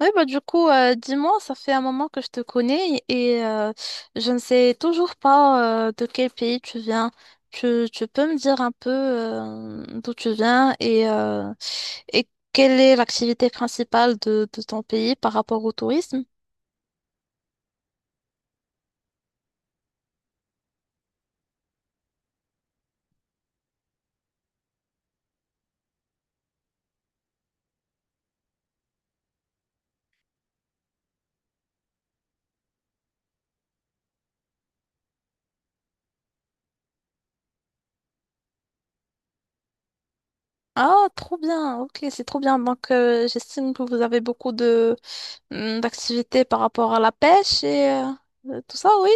Oui, bah du coup, dis-moi, ça fait un moment que je te connais et je ne sais toujours pas de quel pays tu viens. Tu peux me dire un peu d'où tu viens et et quelle est l'activité principale de ton pays par rapport au tourisme? Ah, trop bien, ok, c'est trop bien. Donc, j'estime que vous avez beaucoup de d'activités par rapport à la pêche et tout ça, oui.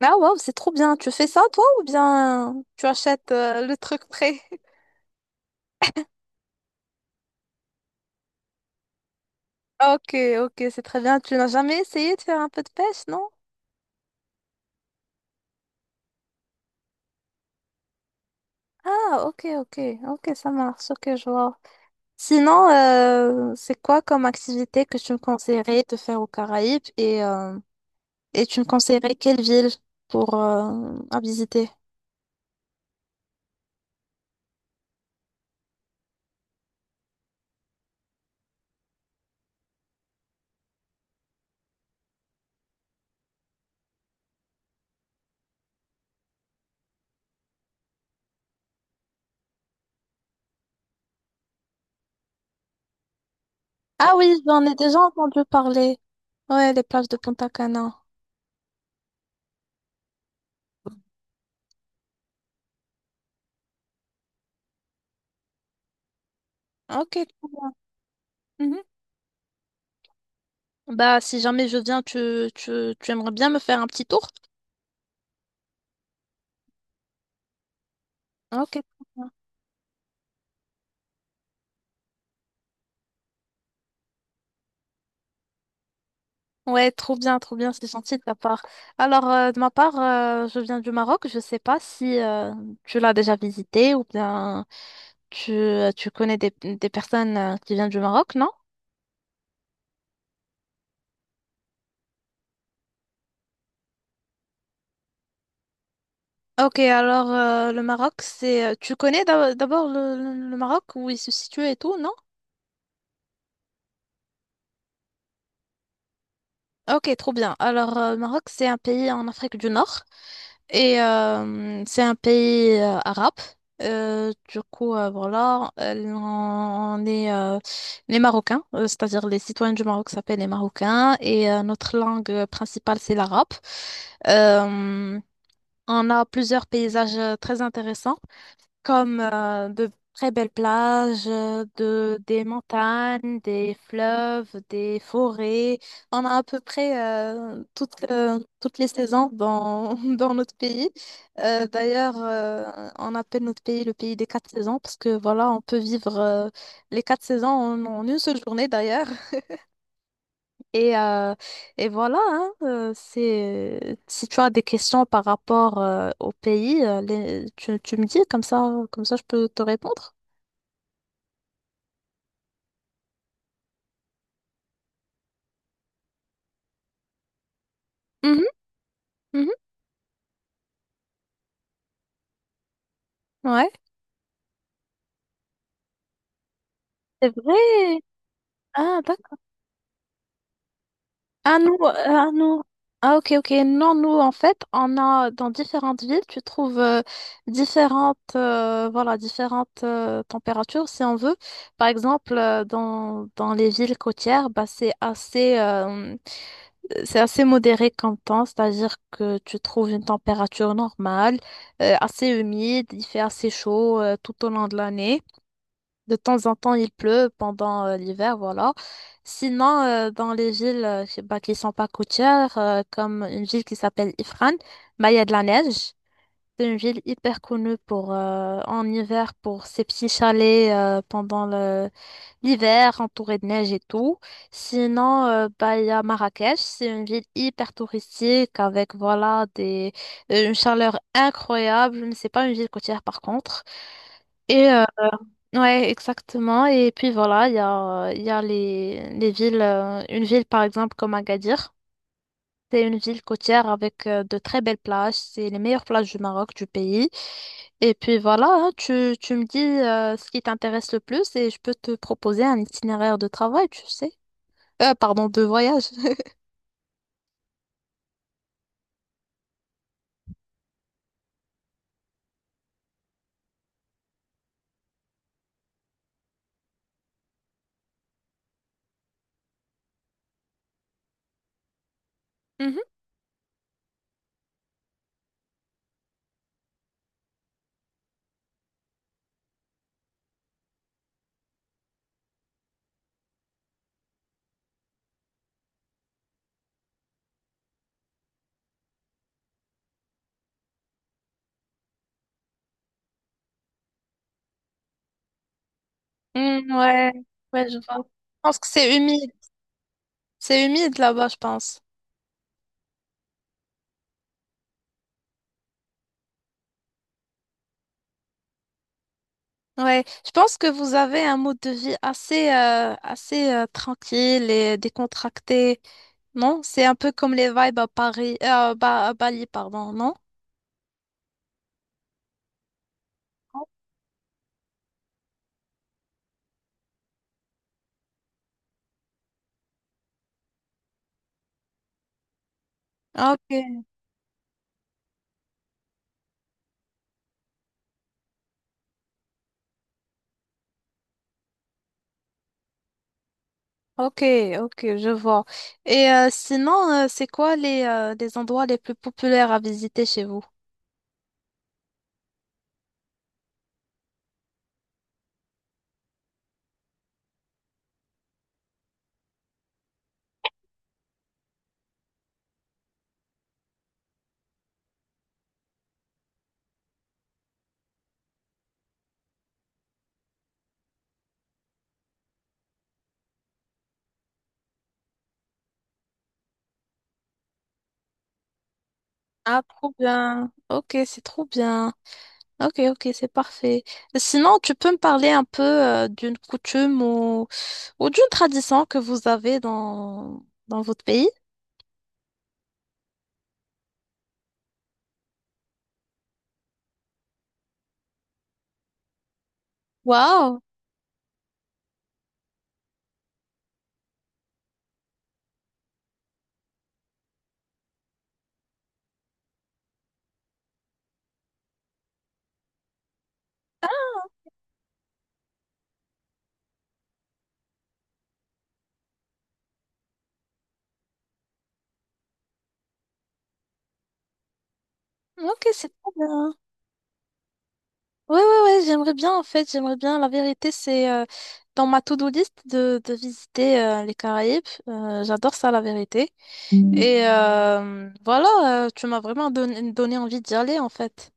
Ah, waouh, c'est trop bien. Tu fais ça, toi, ou bien tu achètes le truc prêt? Ok, ok, c'est très bien. Tu n'as jamais essayé de faire un peu de pêche, non? Ah, ok, ok, ok, ça marche, ok, je vois. Sinon, c'est quoi comme activité que tu me conseillerais de faire aux Caraïbes et et tu me conseillerais quelle ville pour à visiter? Ah oui, j'en ai déjà entendu parler. Ouais, les plages de Punta Cana. Ok, cool. Mhm. Bah, si jamais je viens, tu aimerais bien me faire un petit tour? Ah, ok, trop bien. Ouais, trop bien, c'est gentil de ta part. Alors, de ma part, je viens du Maroc. Je sais pas si tu l'as déjà visité ou bien tu connais des personnes qui viennent du Maroc, non? Ok, alors le Maroc, c'est... Tu connais d'abord le Maroc, où il se situe et tout, non? Ok, trop bien. Alors, le Maroc, c'est un pays en Afrique du Nord. Et c'est un pays arabe. Voilà, on est les Marocains, c'est-à-dire les citoyens du Maroc s'appellent les Marocains et notre langue principale, c'est l'arabe. Euh, on a plusieurs paysages très intéressants comme de très belles plages, des montagnes, des fleuves, des forêts. On a à peu près toutes les saisons dans, dans notre pays. D'ailleurs, on appelle notre pays le pays des quatre saisons parce que voilà, on peut vivre les quatre saisons en une seule journée d'ailleurs. Et, euh, et voilà, hein, c'est, si tu as des questions par rapport au pays, tu me dis comme ça je peux te répondre. Mhm, mhm, ouais. C'est vrai. Ah, d'accord. Ah, nous. Ah, ok, ok. Non, nous, en fait, on a dans différentes villes, tu trouves voilà, différentes températures, si on veut. Par exemple, dans les villes côtières, bah, c'est assez modéré comme temps, c'est-à-dire que tu trouves une température normale, assez humide, il fait assez chaud tout au long de l'année. De temps en temps, il pleut pendant l'hiver, voilà. Sinon, dans les villes bah, qui sont pas côtières, comme une ville qui s'appelle Ifrane, bah, il y a de la neige. C'est une ville hyper connue pour, en hiver pour ses petits chalets l'hiver, entourés de neige et tout. Sinon, il y a Marrakech, c'est une ville hyper touristique avec voilà une chaleur incroyable, mais c'est pas une ville côtière par contre. Et euh, ouais, exactement. Et puis voilà, il y a les villes, une ville par exemple comme Agadir. C'est une ville côtière avec de très belles plages. C'est les meilleures plages du Maroc, du pays. Et puis voilà, hein, tu me dis ce qui t'intéresse le plus et je peux te proposer un itinéraire de travail, tu sais. Pardon, de voyage. Mhm. Mm, ouais, ouais, je vois. Je pense que c'est humide. C'est humide là-bas, je pense. Ouais, je pense que vous avez un mode de vie assez tranquille et décontracté, non? C'est un peu comme les vibes à Paris, à Bali, pardon, non? Ok, ok, ok, je vois. Sinon, c'est quoi les endroits les plus populaires à visiter chez vous? Ah, trop bien. Ok, c'est trop bien. Ok, ok, c'est parfait. Sinon, tu peux me parler un peu d'une coutume ou d'une tradition que vous avez dans votre pays? Waouh! Ok, c'est trop bien. Ouais, ouais, ouais, j'aimerais bien en fait, j'aimerais bien. La vérité, c'est dans ma to-do list de visiter les Caraïbes. J'adore ça, la vérité. Voilà, tu m'as vraiment donné envie d'y aller en fait.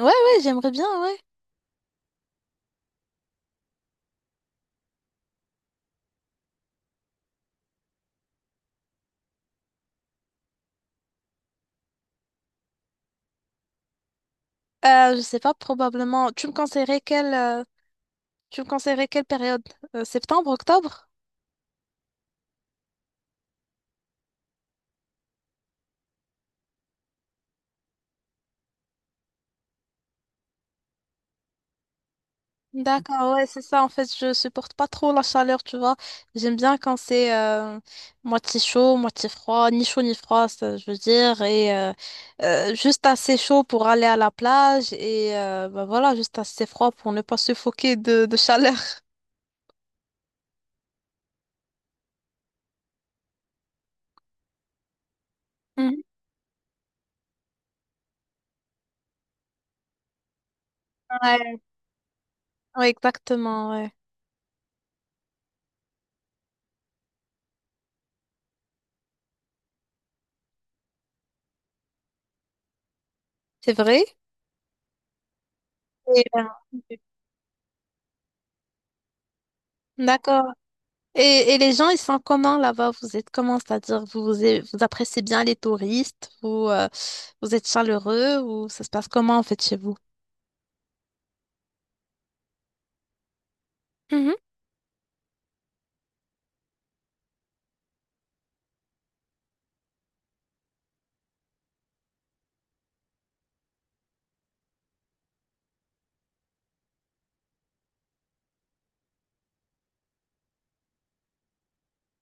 Ouais, ouais, j'aimerais bien, ouais. Je sais pas, probablement. Tu me conseillerais tu me conseillerais quelle période? Septembre, octobre? D'accord, ouais, c'est ça. En fait, je supporte pas trop la chaleur, tu vois. J'aime bien quand c'est moitié chaud, moitié froid, ni chaud ni froid, ça, je veux dire, et juste assez chaud pour aller à la plage et bah voilà, juste assez froid pour ne pas suffoquer de chaleur. Mhm. Ouais, ouais, exactement, ouais. C'est vrai? Et, d'accord. Et les gens, ils sont comment là-bas? Vous êtes comment? C'est-à-dire, vous appréciez bien les touristes? Vous êtes chaleureux? Ou ça se passe comment en fait chez vous? Mhm.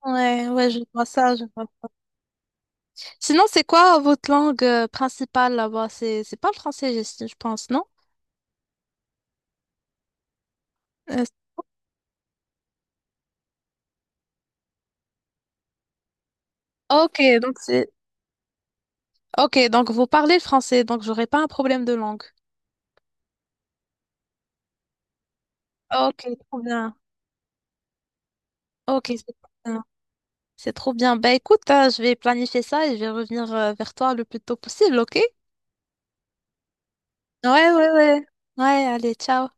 Ouais, ouais, je vois ça, je vois. Sinon, c'est quoi votre langue principale là-bas? C'est pas le français, je pense, non? Euh, ok, donc c'est... Ok, donc vous parlez le français, donc j'aurai pas un problème de langue. Ok, trop bien. Ok, c'est trop bien. C'est trop bien. Bah écoute, hein, je vais planifier ça et je vais revenir vers toi le plus tôt possible, ok? Ouais, ouais, ouais. Ouais, allez, ciao.